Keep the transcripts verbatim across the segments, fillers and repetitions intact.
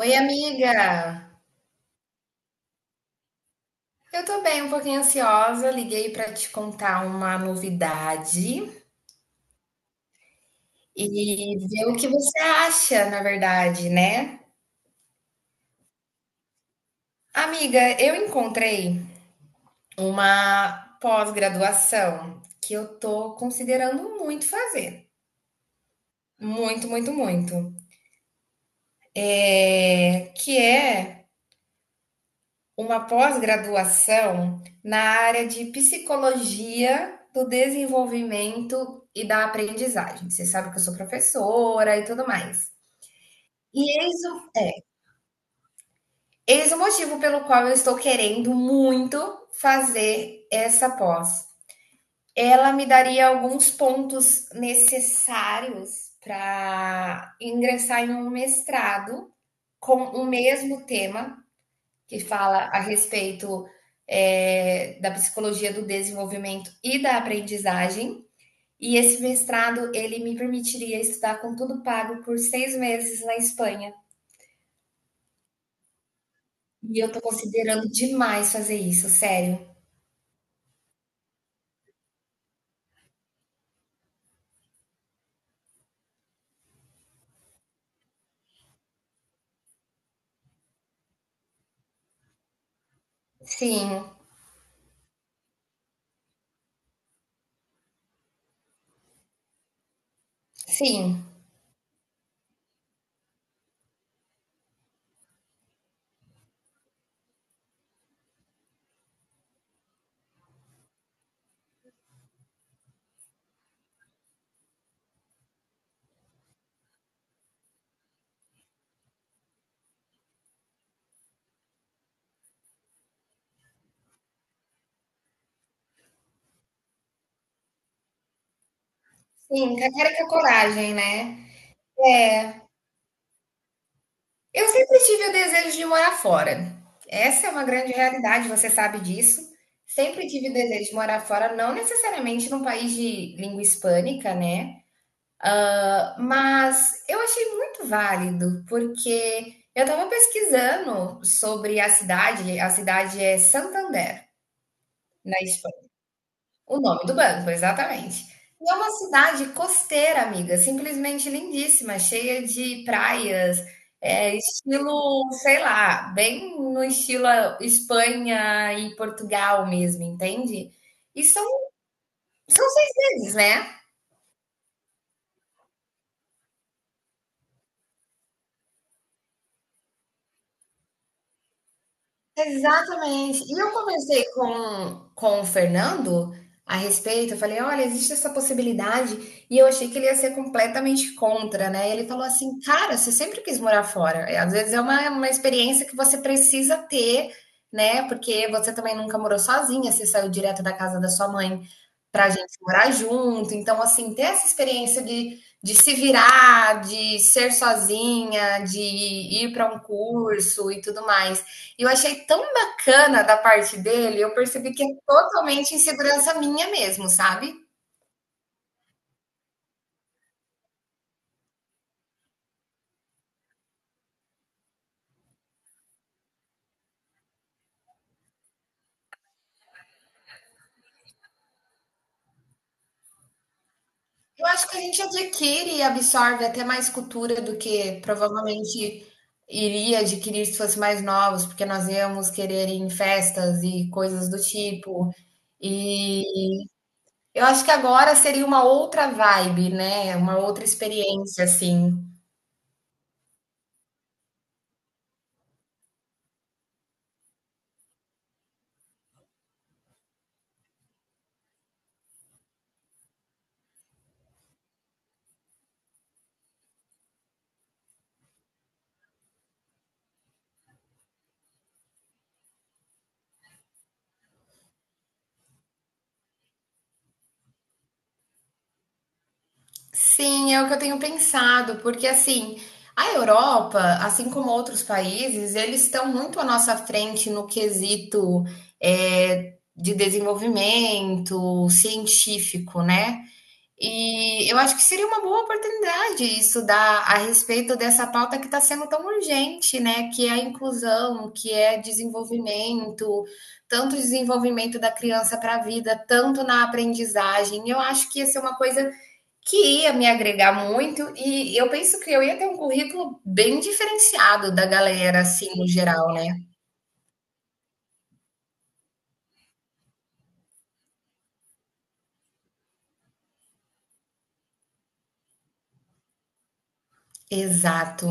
Oi, amiga! Eu tô bem, um pouquinho ansiosa. Liguei pra te contar uma novidade e ver o que você acha, na verdade, né? Amiga, eu encontrei uma pós-graduação que eu tô considerando muito fazer. Muito, muito, muito. É, que é uma pós-graduação na área de psicologia do desenvolvimento e da aprendizagem. Você sabe que eu sou professora e tudo mais. E eis o, é, eis o motivo pelo qual eu estou querendo muito fazer essa pós. Ela me daria alguns pontos necessários para ingressar em um mestrado com o mesmo tema que fala a respeito é, da psicologia do desenvolvimento e da aprendizagem. E esse mestrado ele me permitiria estudar com tudo pago por seis meses na Espanha. E eu tô considerando demais fazer isso, sério. Sim, sim, sim. Cara, que é coragem, né? É. Eu sempre tive o desejo de morar fora. Essa é uma grande realidade, você sabe disso. Sempre tive o desejo de morar fora, não necessariamente num país de língua hispânica, né? Mas eu achei muito válido, porque eu estava pesquisando sobre a cidade, a cidade é Santander, na Espanha. O nome do banco, exatamente. E é uma cidade costeira, amiga, simplesmente lindíssima, cheia de praias, é, estilo, sei lá, bem no estilo ah, Espanha e Portugal mesmo, entende? E são deles, né? Exatamente. E eu conversei com, com o Fernando a respeito. Eu falei: olha, existe essa possibilidade. E eu achei que ele ia ser completamente contra, né? Ele falou assim: cara, você sempre quis morar fora. É, às vezes é uma, uma experiência que você precisa ter, né? Porque você também nunca morou sozinha, você saiu direto da casa da sua mãe para a gente morar junto. Então, assim, ter essa experiência de, de se virar, de ser sozinha, de ir para um curso e tudo mais. E eu achei tão bacana da parte dele, eu percebi que é totalmente insegurança minha mesmo, sabe? Eu acho que a gente adquire e absorve até mais cultura do que provavelmente iria adquirir se fosse mais novos, porque nós íamos querer ir em festas e coisas do tipo. E eu acho que agora seria uma outra vibe, né, uma outra experiência, assim. Sim, é o que eu tenho pensado, porque assim, a Europa, assim como outros países, eles estão muito à nossa frente no quesito, eh, de desenvolvimento científico, né? E eu acho que seria uma boa oportunidade estudar a respeito dessa pauta que está sendo tão urgente, né? Que é a inclusão, que é desenvolvimento, tanto desenvolvimento da criança para a vida, tanto na aprendizagem. Eu acho que ia ser uma coisa que ia me agregar muito, e eu penso que eu ia ter um currículo bem diferenciado da galera, assim, no geral, né? Exato.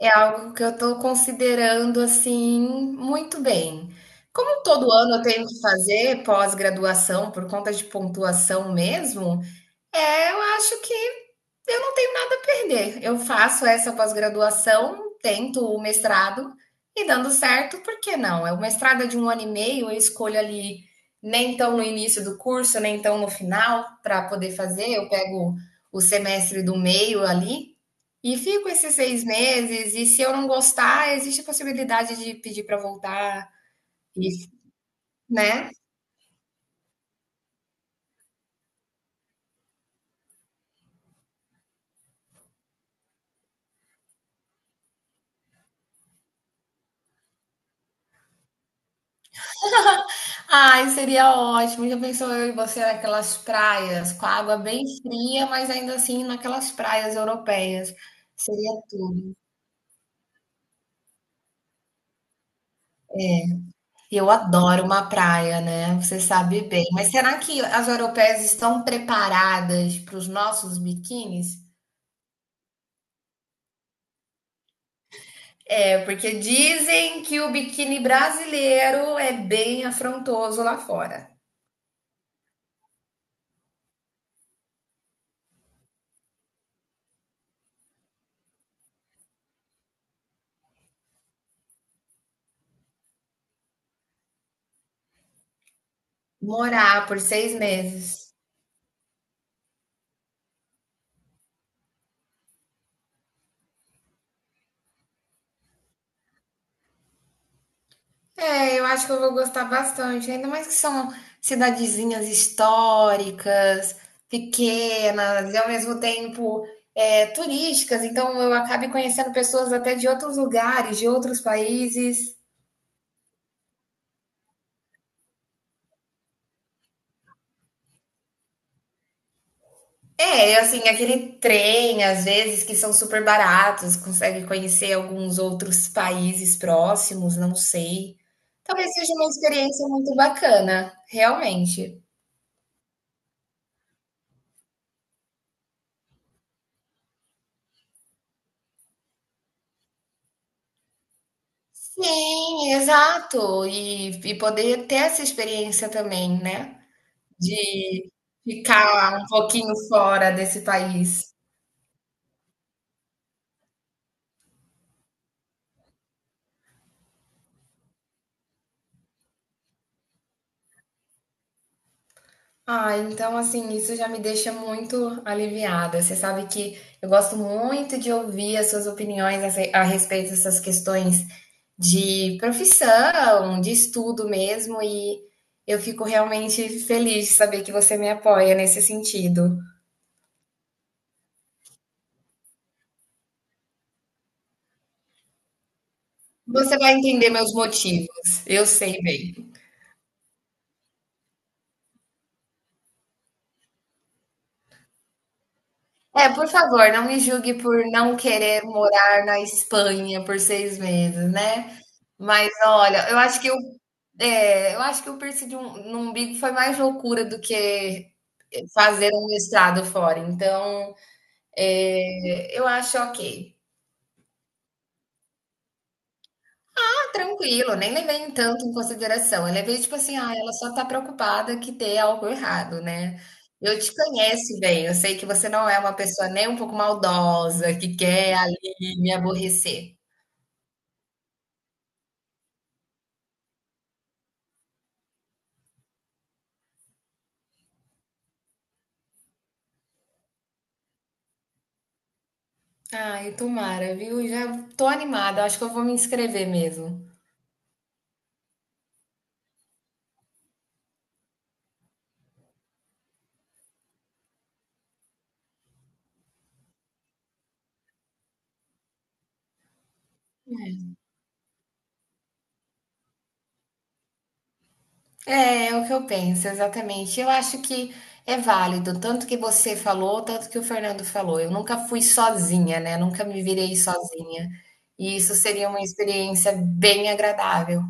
É algo que eu estou considerando assim muito bem. Como todo ano eu tenho que fazer pós-graduação por conta de pontuação mesmo, é, eu acho que eu não tenho nada a perder. Eu faço essa pós-graduação, tento o mestrado e dando certo, por que não? É. O mestrado é de um ano e meio, eu escolho ali nem tão no início do curso, nem tão no final para poder fazer. Eu pego o semestre do meio ali e fico esses seis meses. E se eu não gostar, existe a possibilidade de pedir para voltar, e, né? Ai, seria ótimo. Já pensou eu e você naquelas praias, com a água bem fria, mas ainda assim naquelas praias europeias. Seria. Eu adoro uma praia, né? Você sabe bem. Mas será que as europeias estão preparadas para os nossos biquínis? É, porque dizem que o biquíni brasileiro é bem afrontoso lá fora. Morar por seis meses. É, eu acho que eu vou gostar bastante, ainda mais que são cidadezinhas históricas, pequenas e ao mesmo tempo é, turísticas, então eu acabe conhecendo pessoas até de outros lugares, de outros países. É, e assim, aquele trem, às vezes, que são super baratos, consegue conhecer alguns outros países próximos, não sei. Talvez seja uma experiência muito bacana, realmente. Sim, exato. E e poder ter essa experiência também, né, de ficar um pouquinho fora desse país. Ah, então, assim, isso já me deixa muito aliviada. Você sabe que eu gosto muito de ouvir as suas opiniões a re a respeito dessas questões de profissão, de estudo mesmo, e eu fico realmente feliz de saber que você me apoia nesse sentido. Você vai entender meus motivos, eu sei bem. É, por favor, não me julgue por não querer morar na Espanha por seis meses, né. Mas olha, eu acho que eu é, eu acho que o piercing de um no umbigo foi mais loucura do que fazer um mestrado fora, então, eh, eu acho ok. Ah, tranquilo, nem levei em tanto em consideração, eu levei tipo assim: "Ah, ela só tá preocupada que dê algo errado, né". Eu te conheço bem, eu sei que você não é uma pessoa nem um pouco maldosa, que quer ali me aborrecer. Ai, tomara, viu? Já tô animada, acho que eu vou me inscrever mesmo. É, é o que eu penso, exatamente. Eu acho que é válido, tanto que você falou, tanto que o Fernando falou. Eu nunca fui sozinha, né? Nunca me virei sozinha. E isso seria uma experiência bem agradável.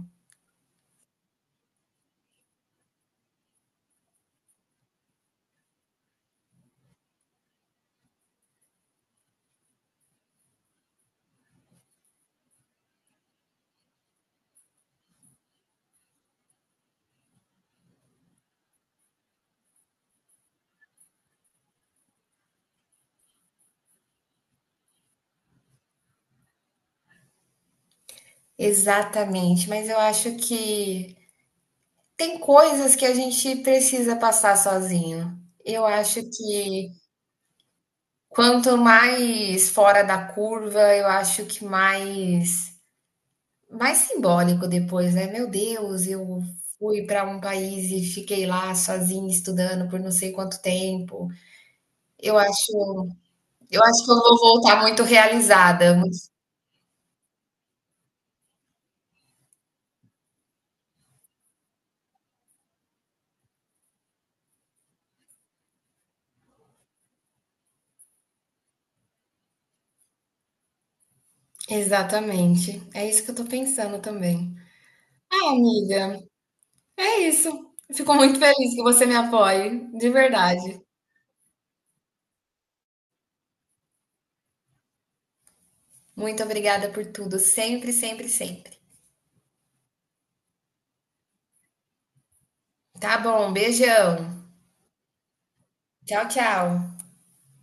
Exatamente, mas eu acho que tem coisas que a gente precisa passar sozinho. Eu acho que quanto mais fora da curva, eu acho que mais mais simbólico depois, né? Meu Deus, eu fui para um país e fiquei lá sozinha estudando por não sei quanto tempo. Eu acho, eu acho que eu vou voltar muito realizada. muito- Exatamente. É isso que eu tô pensando também. Ah, amiga, é isso. Fico muito feliz que você me apoie, de verdade. Muito obrigada por tudo, sempre, sempre, sempre. Tá bom, beijão. Tchau, tchau.